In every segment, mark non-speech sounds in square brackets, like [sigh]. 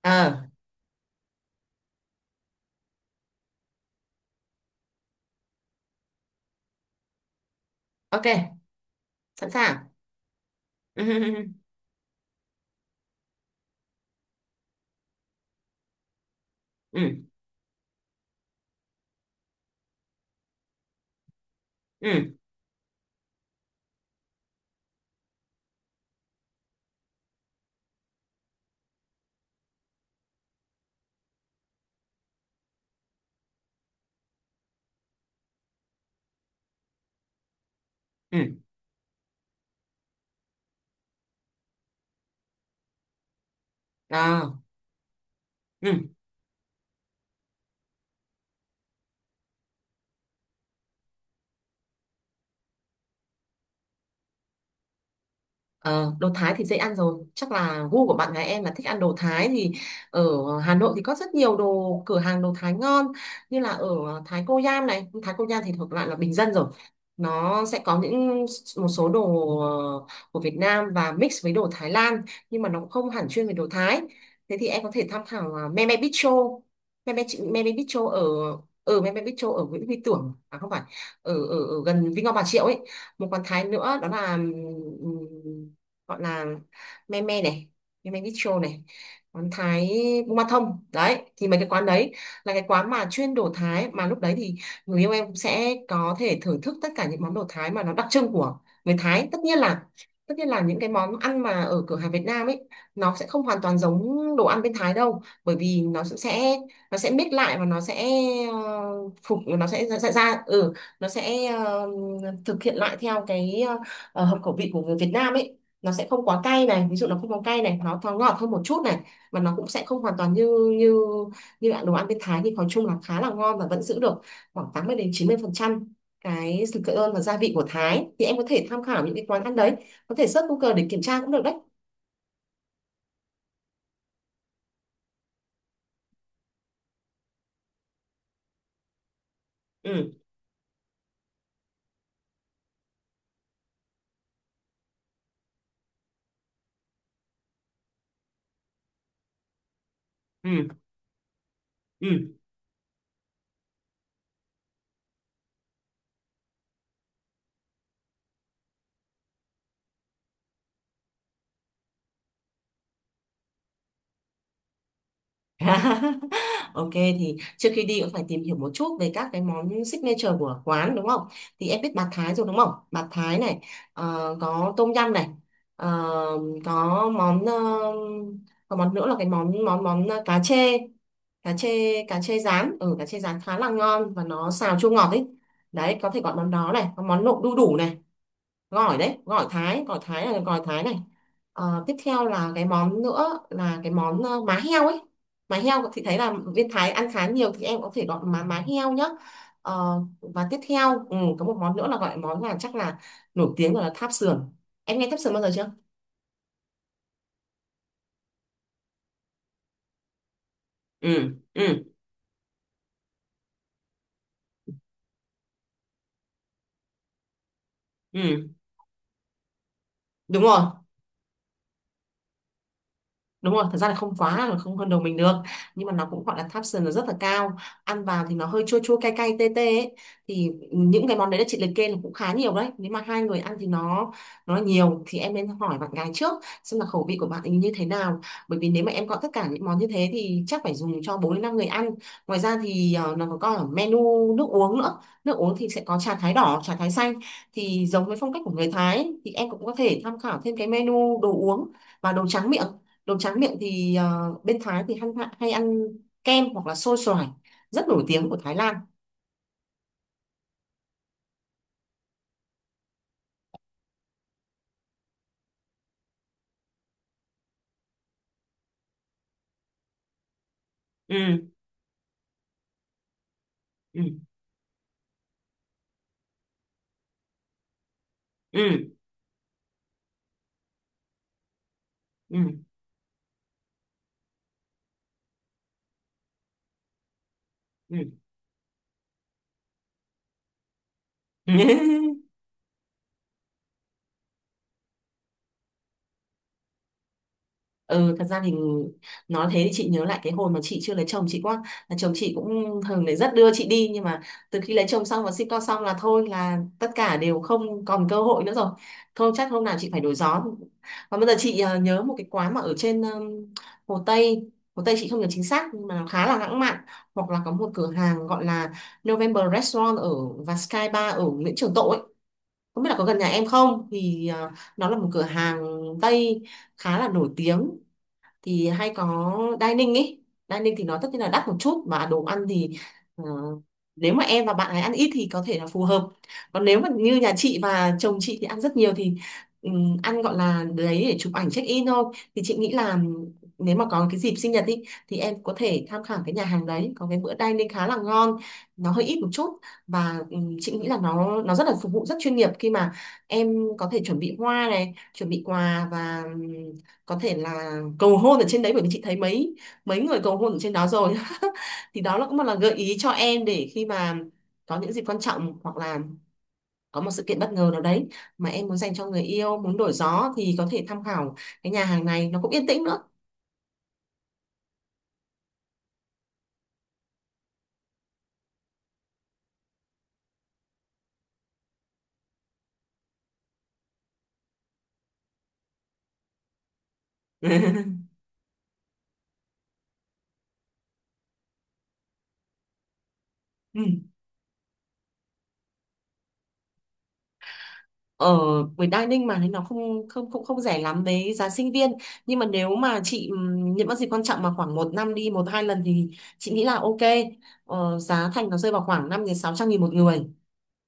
ờ ok, sẵn sàng. [laughs] Ừ, ừ, ừ, ừ, ừ, ừ. Đó. Ừ. Ờ, đồ Thái thì dễ ăn rồi, chắc là gu của bạn gái em là thích ăn đồ Thái thì ở Hà Nội thì có rất nhiều đồ cửa hàng đồ Thái ngon, như là ở Thái Cô Giam này. Thái Cô Giam thì thuộc loại là bình dân rồi, nó sẽ có những một số đồ ờ, của Việt Nam và mix với đồ Thái Lan, nhưng mà nó cũng không hẳn chuyên về đồ Thái. Thế thì em có thể tham khảo Meme Bistro, Meme, Meme Bistro ở ở Meme Bistro ở Nguyễn Huy Tưởng, à không phải, ở ở, ở gần Vinh Ngọc Bà Triệu ấy. Một quán Thái nữa đó là ừm, gọi là me me này, me me bistro này, quán Thái Buôn Ma thông đấy. Thì mấy cái quán đấy là cái quán mà chuyên đồ Thái, mà lúc đấy thì người yêu em cũng sẽ có thể thưởng thức tất cả những món đồ Thái mà nó đặc trưng của người Thái. Tất nhiên là tất nhiên là những cái món ăn mà ở cửa hàng Việt Nam ấy nó sẽ không hoàn toàn giống đồ ăn bên Thái đâu, bởi vì nó sẽ mix lại và nó sẽ phục nó sẽ ra, ra, ừ, nó sẽ thực hiện lại theo cái hợp khẩu vị của người Việt Nam ấy. Nó sẽ không quá cay này, ví dụ nó không có cay này, nó thoáng ngọt hơn một chút này, và nó cũng sẽ không hoàn toàn như như như ạ, đồ ăn bên Thái thì nói chung là khá là ngon và vẫn giữ được khoảng 80-90% cái sự cơ ơn và gia vị của Thái, thì em có thể tham khảo những cái quán ăn đấy, có thể search Google để kiểm tra cũng được đấy. Ừ, ừ, ừ. [laughs] Ok, thì trước khi đi cũng phải tìm hiểu một chút về các cái món signature của quán đúng không? Thì em biết bạt Thái rồi đúng không? Bạt Thái này, có tôm yum này, ờ, có món, có món nữa là cái món món món cá chê, cá chê, cá chê rán. Ừ, cá chê rán khá là ngon và nó xào chua ngọt ấy. Đấy, có thể gọi món đó này, có món nộm đu đủ này, gỏi đấy, gỏi Thái, gỏi Thái là gỏi Thái này. Tiếp theo là cái món nữa là cái món má heo ấy. Má heo thì thấy là bên Thái ăn khá nhiều, thì em có thể gọi má má heo nhá. Ờ, và tiếp theo, ừ, có một món nữa là gọi món là chắc là nổi tiếng gọi là tháp sườn. Em nghe tháp sườn bao giờ chưa? Ừ, ừ, ừ, đúng rồi, đúng rồi. Thật ra là không quá là không hơn đầu mình được, nhưng mà nó cũng gọi là caption nó rất là cao, ăn vào thì nó hơi chua chua cay cay tê tê ấy. Thì những cái món đấy là chị liệt kê là cũng khá nhiều đấy, nếu mà hai người ăn thì nó nhiều, thì em nên hỏi bạn gái trước xem là khẩu vị của bạn ấy như thế nào. Bởi vì nếu mà em gọi tất cả những món như thế thì chắc phải dùng cho bốn đến năm người ăn. Ngoài ra thì nó còn có ở menu nước uống nữa. Nước uống thì sẽ có trà thái đỏ, trà thái xanh, thì giống với phong cách của người Thái ấy, thì em cũng có thể tham khảo thêm cái menu đồ uống và đồ tráng miệng. Đồ tráng miệng thì bên Thái thì hay, hay ăn kem hoặc là xôi xoài, rất nổi tiếng của Thái Lan. Ừ, ừ, ừ, ừ, ừ. Ừ. [laughs] Ừ, thật ra thì nói thế thì chị nhớ lại cái hồi mà chị chưa lấy chồng, chị quá là chồng chị cũng thường lại rất đưa chị đi, nhưng mà từ khi lấy chồng xong và sinh con xong là thôi là tất cả đều không còn cơ hội nữa rồi. Thôi chắc hôm nào chị phải đổi gió. Còn bây giờ chị nhớ một cái quán mà ở trên Hồ Tây. Hồ Tây chị không nhớ chính xác nhưng mà nó khá là lãng mạn, hoặc là có một cửa hàng gọi là November Restaurant ở và Sky Bar ở Nguyễn Trường Tộ ấy. Không biết là có gần nhà em không thì nó là một cửa hàng Tây khá là nổi tiếng, thì hay có dining ý. Dining thì nó tất nhiên là đắt một chút mà đồ ăn thì ờ, nếu mà em và bạn ấy ăn ít thì có thể là phù hợp, còn nếu mà như nhà chị và chồng chị thì ăn rất nhiều thì ăn gọi là đấy để chụp ảnh check in thôi. Thì chị nghĩ là nếu mà có cái dịp sinh nhật đi thì em có thể tham khảo cái nhà hàng đấy có cái bữa dining khá là ngon, nó hơi ít một chút. Và chị nghĩ là nó rất là phục vụ rất chuyên nghiệp khi mà em có thể chuẩn bị hoa này chuẩn bị quà, và có thể là cầu hôn ở trên đấy, bởi vì chị thấy mấy mấy người cầu hôn ở trên đó rồi. [laughs] Thì đó là cũng một là gợi ý cho em, để khi mà có những dịp quan trọng hoặc là có một sự kiện bất ngờ nào đấy mà em muốn dành cho người yêu muốn đổi gió thì có thể tham khảo cái nhà hàng này, nó cũng yên tĩnh nữa. [laughs] Ừ. Ở với dining mà nên nó không không không không rẻ lắm với giá sinh viên, nhưng mà nếu mà chị những cái dịp quan trọng mà khoảng một năm đi một hai lần thì chị nghĩ là ok. Giá thành nó rơi vào khoảng 500-600 nghìn một người.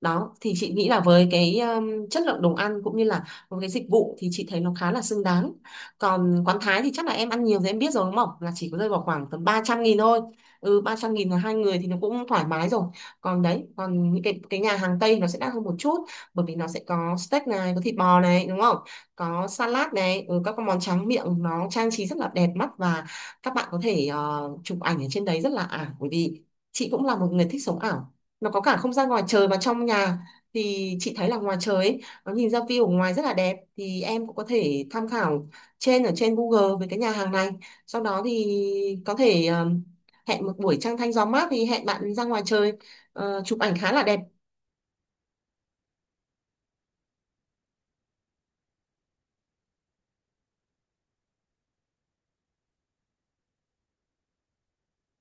Đó thì chị nghĩ là với cái chất lượng đồ ăn cũng như là với cái dịch vụ thì chị thấy nó khá là xứng đáng. Còn quán Thái thì chắc là em ăn nhiều thì em biết rồi đúng không, là chỉ có rơi vào khoảng tầm 300 nghìn thôi. Ừ, 300 nghìn là hai người thì nó cũng thoải mái rồi. Còn đấy còn những cái nhà hàng Tây nó sẽ đắt hơn một chút, bởi vì nó sẽ có steak này, có thịt bò này đúng không, có salad này, ừ, các cái món tráng miệng nó trang trí rất là đẹp mắt. Và các bạn có thể chụp ảnh ở trên đấy rất là ảo, bởi vì chị cũng là một người thích sống ảo. Nó có cả không gian ngoài trời và trong nhà, thì chị thấy là ngoài trời ấy, nó nhìn ra view ở ngoài rất là đẹp, thì em cũng có thể tham khảo trên ở trên Google về cái nhà hàng này, sau đó thì có thể hẹn một buổi trăng thanh gió mát thì hẹn bạn ra ngoài trời chụp ảnh khá là đẹp.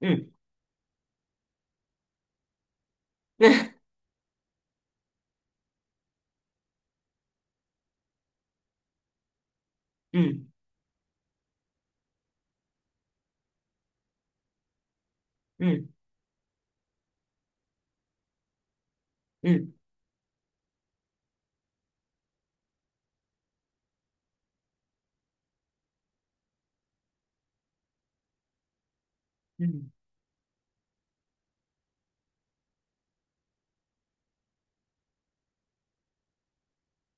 Ừ. [laughs] Ừ, ừ, ừ, ừ,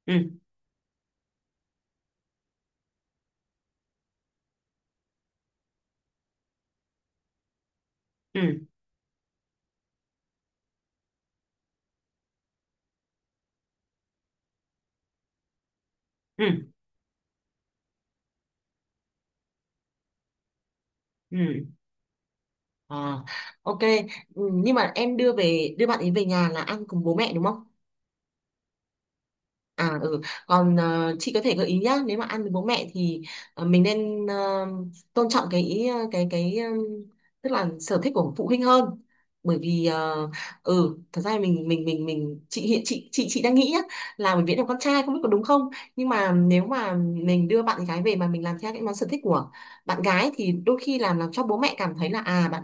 ừ, ừ, ừ, ừ, ừ. À, ok. Ừ, nhưng mà em đưa về đưa bạn ấy về nhà là ăn cùng bố mẹ đúng không? À ừ, còn chị có thể gợi ý nhá, nếu mà ăn với bố mẹ thì mình nên tôn trọng cái ý, cái tức là sở thích của phụ huynh hơn. Bởi vì ừ, thật ra mình chị hiện chị đang nghĩ nhá, là mình Viễn là con trai không biết có đúng không, nhưng mà nếu mà mình đưa bạn gái về mà mình làm theo những món sở thích của bạn gái thì đôi khi làm cho bố mẹ cảm thấy là à bạn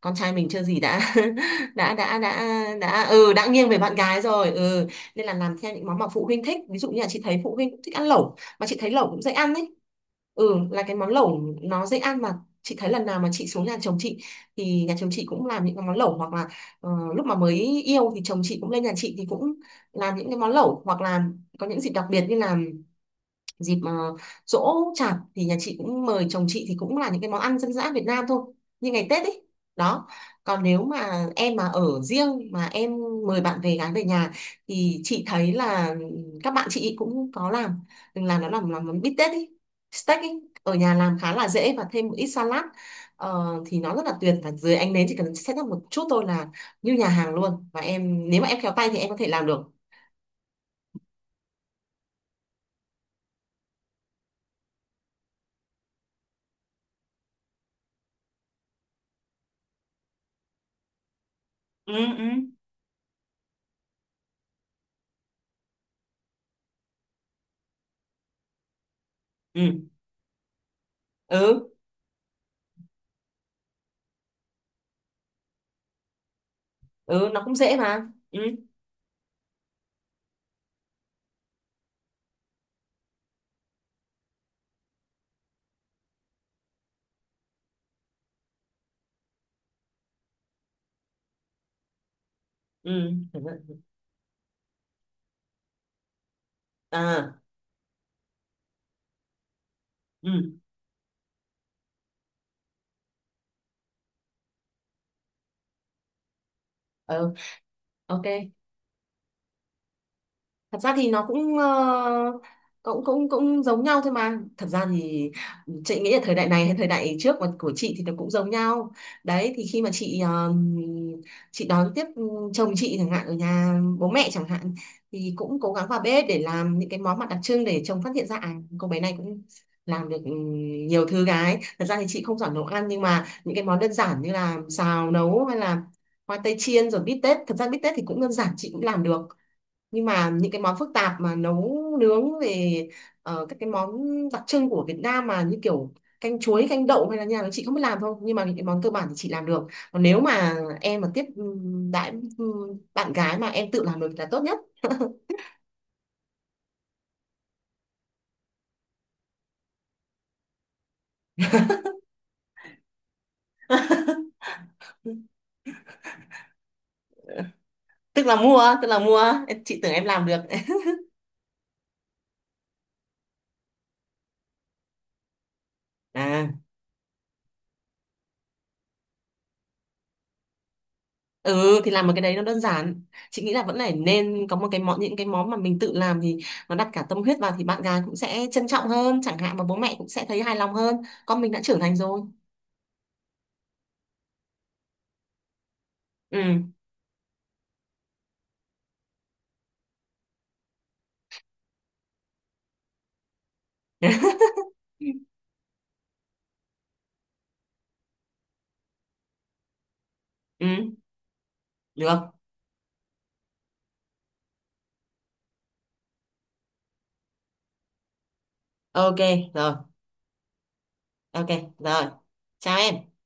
con trai mình chưa gì đã [laughs] đã đã đã đã ừ đã nghiêng về bạn gái rồi. Ừ, nên là làm theo những món mà phụ huynh thích, ví dụ như là chị thấy phụ huynh cũng thích ăn lẩu mà chị thấy lẩu cũng dễ ăn đấy, ừ là cái món lẩu nó dễ ăn mà. Chị thấy lần nào mà chị xuống nhà chồng chị thì nhà chồng chị cũng làm những cái món lẩu, hoặc là ờ, lúc mà mới yêu thì chồng chị cũng lên nhà chị thì cũng làm những cái món lẩu, hoặc là có những dịp đặc biệt như là dịp uh, giỗ chạp thì nhà chị cũng mời chồng chị thì cũng là những cái món ăn dân dã Việt Nam thôi, như ngày Tết ấy. Đó, còn nếu mà em mà ở riêng mà em mời bạn về gái về nhà thì chị thấy là các bạn chị cũng có làm nó làm món bít tết ấy, steak ấy. Ở nhà làm khá là dễ và thêm một ít salad. Thì nó rất là tuyệt, và dưới ánh nến chỉ cần set up một chút thôi là như nhà hàng luôn, và em nếu mà em khéo tay thì em có thể làm được. Ừ, ừ, ừ, ừ, ừ, nó cũng dễ mà. Ừ, ừ. [laughs] À, ừ, ừ, ok. Thật ra thì nó cũng cũng cũng cũng giống nhau thôi mà, thật ra thì chị nghĩ là thời đại này hay thời đại trước mà của chị thì nó cũng giống nhau. Đấy, thì khi mà chị chị đón tiếp chồng chị chẳng hạn ở nhà bố mẹ chẳng hạn, thì cũng cố gắng vào bếp để làm những cái món mặt đặc trưng để chồng phát hiện ra à cô bé này cũng làm được, ừ, nhiều thứ gái. Thật ra thì chị không giỏi nấu ăn, nhưng mà những cái món đơn giản như là xào nấu hay là khoai tây chiên rồi bít tết, thật ra bít tết thì cũng đơn giản chị cũng làm được, nhưng mà những cái món phức tạp mà nấu nướng về các cái món đặc trưng của Việt Nam mà như kiểu canh chuối canh đậu hay là như nào chị không biết làm thôi, nhưng mà những cái món cơ bản thì chị làm được. Còn nếu mà em mà tiếp đãi bạn gái mà em tự làm được là tốt nhất. [laughs] Tức là mua, chị tưởng em làm được. [laughs] À ừ, thì làm một cái đấy nó đơn giản. Chị nghĩ là vẫn phải nên có một cái món, những cái món mà mình tự làm thì nó đặt cả tâm huyết vào thì bạn gái cũng sẽ trân trọng hơn chẳng hạn, mà bố mẹ cũng sẽ thấy hài lòng hơn, con mình đã trưởng thành rồi. Ừ, ừ, được, ok rồi, ok rồi, chào em.